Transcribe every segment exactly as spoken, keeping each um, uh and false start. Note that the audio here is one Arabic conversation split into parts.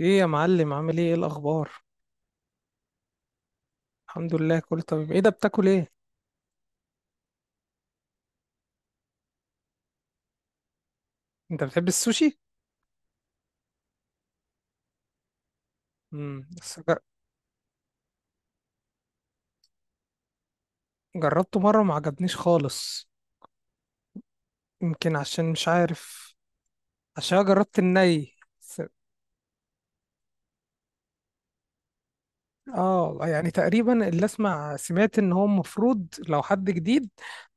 ايه يا معلم؟ عامل ايه؟ ايه الاخبار؟ الحمد لله، كله تمام. ايه ده بتاكل ايه؟ انت بتحب السوشي؟ امم بس جر- جربته مره، ما عجبنيش خالص. يمكن عشان مش عارف. عشان أنا جربت الني س- اه، يعني تقريبا اللي اسمع سمعت ان هو المفروض لو حد جديد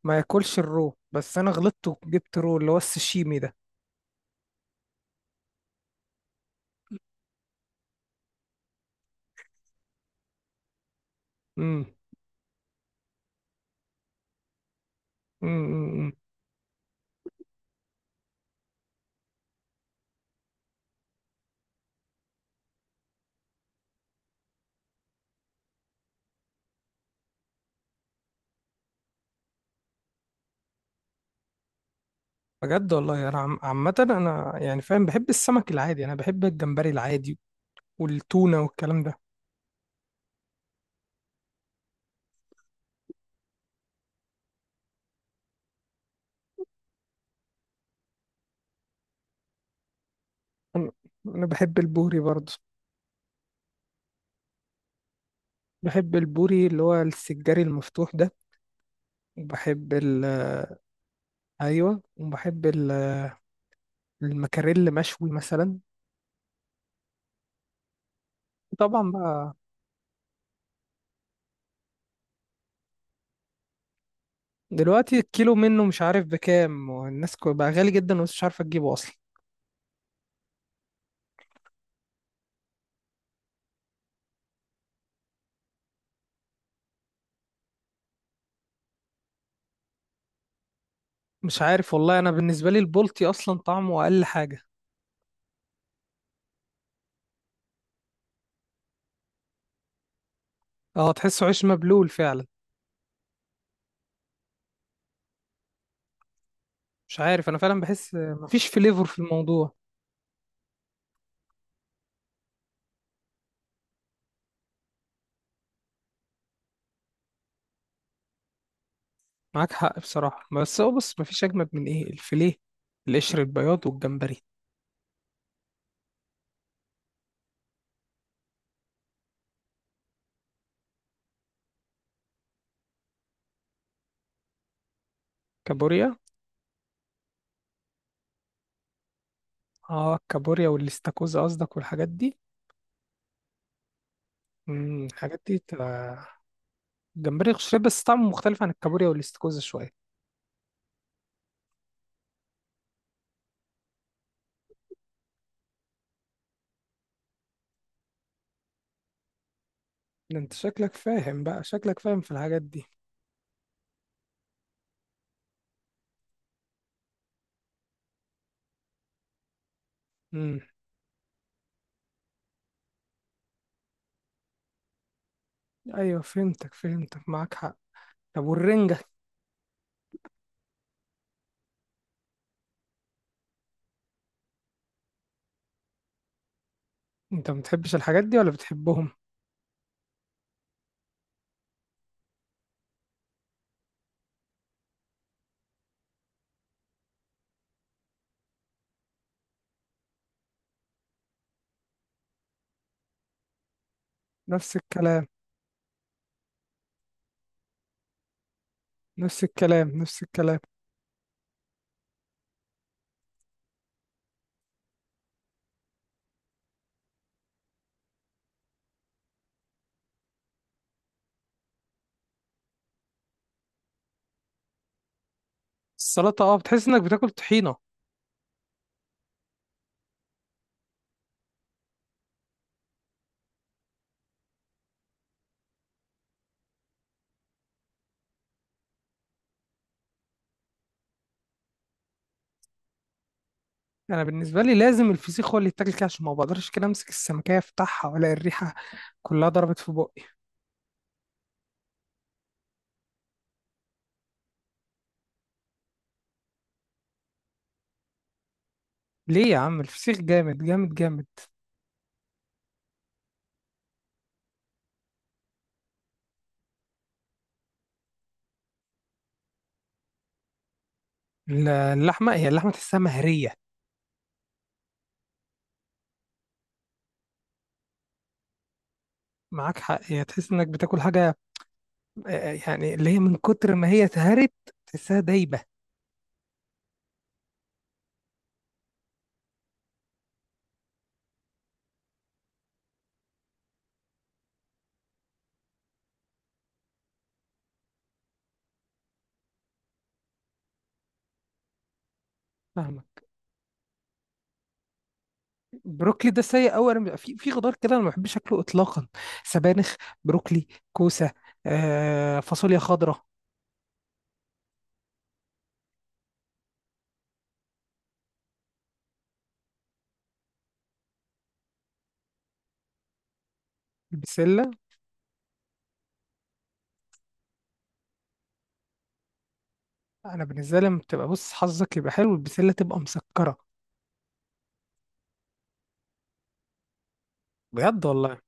ما ياكلش الرو، بس انا غلطت وجبت رو اللي هو السشيمي ده. امم. امم. بجد والله، انا عم- عامه انا يعني فاهم، بحب السمك العادي، انا بحب الجمبري العادي والتونه والكلام ده. انا أنا بحب البوري برضه. بحب البوري اللي هو السجاري المفتوح ده. وبحب ال ايوه وبحب ال- المكاريل مشوي مثلا. طبعا بقى. دلوقتي الكيلو منه مش عارف بكام، والناس كو- بقى غالي جدا ومش عارفه تجيبه اصلا. مش عارف والله، انا بالنسبه لي البلطي اصلا طعمه اقل حاجه. اه، تحسه عيش مبلول فعلا. مش عارف، انا فعلا بحس مفيش فليفر في الموضوع. معاك حق بصراحه، بس هو بص، مفيش اجمد من ايه الفيليه، القشر البياض والجمبري. كابوريا. اه، الكابوريا والاستاكوزا قصدك والحاجات دي. امم الحاجات دي تبقى جمبري قشري بس طعمه مختلف عن الكابوريا والاستاكوزا شويه. ده انت شكلك فاهم بقى، شكلك فاهم في الحاجات دي. امم. ايوه، فهمتك فهمتك، معاك حق. طب والرنجه؟ انت ما بتحبش الحاجات دي ولا بتحبهم؟ نفس الكلام، نفس الكلام، نفس الكلام. السلطه، اه، بتحس انك بتاكل طحينه. انا بالنسبه لي لازم الفسيخ هو اللي يتاكل كده، عشان ما بقدرش كده امسك السمكيه افتحها، ولا الريحه كلها ضربت في بقي. ليه يا عم؟ الفسيخ جامد جامد جامد. ال- اللحمة، هي اللحمة تحسها مهرية. معاك حق، هي تحس انك بتاكل حاجة، آه، يعني اللي هي من كتر ما هي اتهرت، تحسها دايبة. فاهمك. بروكلي ده سيء أوي. أنا ب- في في خضار كده أنا ما بحبش أكله إطلاقا. سبانخ، بروكلي، كوسة، آه فاصوليا خضراء. البسلة. أنا بالنسبة لي لما بتبقى، بص، حظك يبقى حلو البسلة تبقى مسكرة. بجد والله.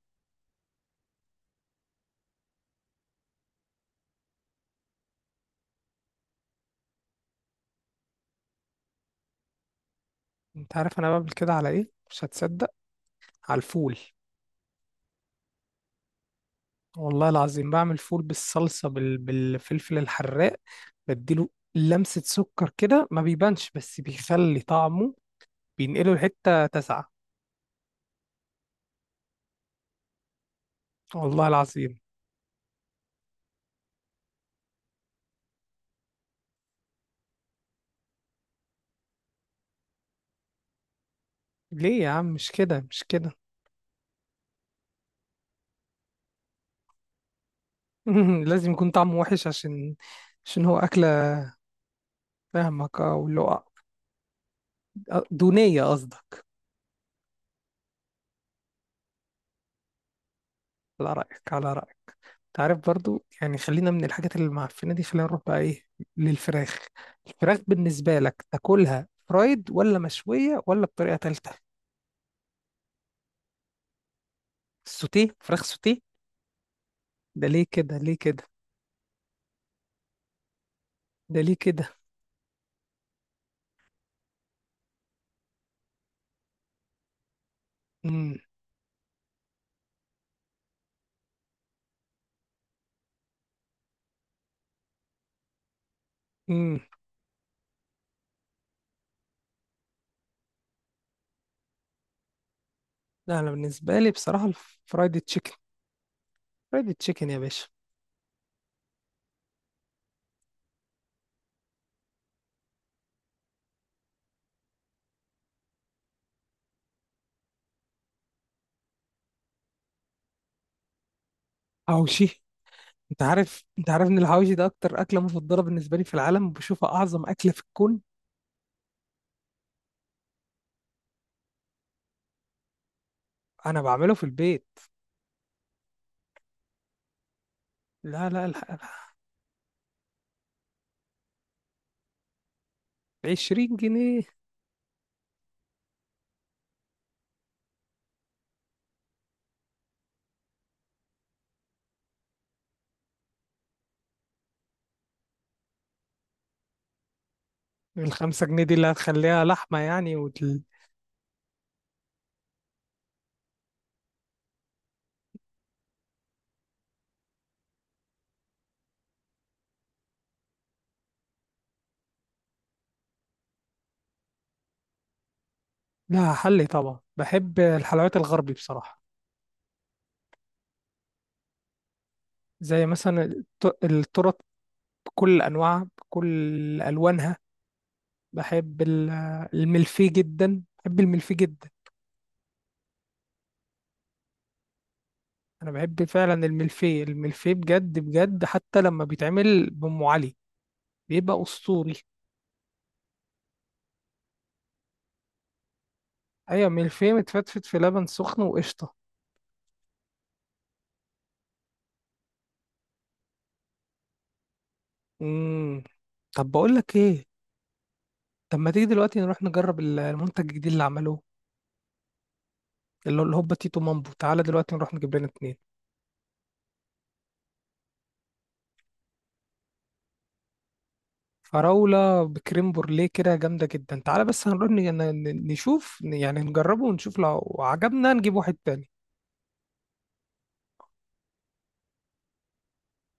أنت عارف أنا بعمل كده على إيه؟ مش هتصدق. على الفول. والله العظيم، بعمل فول بالصلصة، بال... بالفلفل الحراق. بديله لمسة سكر كده، ما بيبانش بس بيخلي طعمه، بينقله لحتة تسعة. والله العظيم. ليه يا عم؟ مش كده، مش كده. لازم يكون طعمه وحش عشان، عشان هو أكلة. فاهمك، أو اللي هو. دونية قصدك. على رأيك، على رأيك. تعرف، برضو يعني خلينا من الحاجات اللي معفنة دي، خلينا نروح بقى إيه؟ للفراخ. الفراخ بالنسبة لك تاكلها فرايد ولا مشوية ولا بطريقة تالتة؟ السوتيه؟ فراخ سوتيه؟ ده ليه كده؟ ليه كده؟ ده ليه كده؟ امم. امم. لا، انا بالنسبه لي بصراحه الفرايد تشيكن. فرايد تشيكن يا باشا. حواوشي. انت عارف انت عارف ان الحواوشي ده اكتر اكله مفضله بالنسبه لي في العالم، وبشوفها اعظم اكله في الكون. انا بعمله في البيت. لا، لا، الح- الح- العشرين جنيه. الخمسة جنيه دي اللي هتخليها لحمة يعني وتل... لا، حلي طبعا، بحب الحلويات الغربي بصراحة. زي مثلا الت- الترط بكل أنواعها، بكل ألوانها. بحب ال- الملفيه جدا، بحب الملفيه جدا. انا بحب فعلا الملفيه، الملفيه بجد بجد، حتى لما بيتعمل بأم علي بيبقى اسطوري. ايوه، ملفيه متفتفت في لبن سخن وقشطه. امم. طب بقول لك ايه. طب ما تيجي دلوقتي نروح نجرب ال- المنتج الجديد اللي عملوه، اللي هو الهوبا تيتو مامبو. تعالى دلوقتي نروح نجيب لنا اتنين. فراولة بكريم بورليه كده، جامدة جدا. تعالى بس هنروح ن- ن- نشوف يعني، نجربه ونشوف، لو عجبنا نجيب واحد تاني.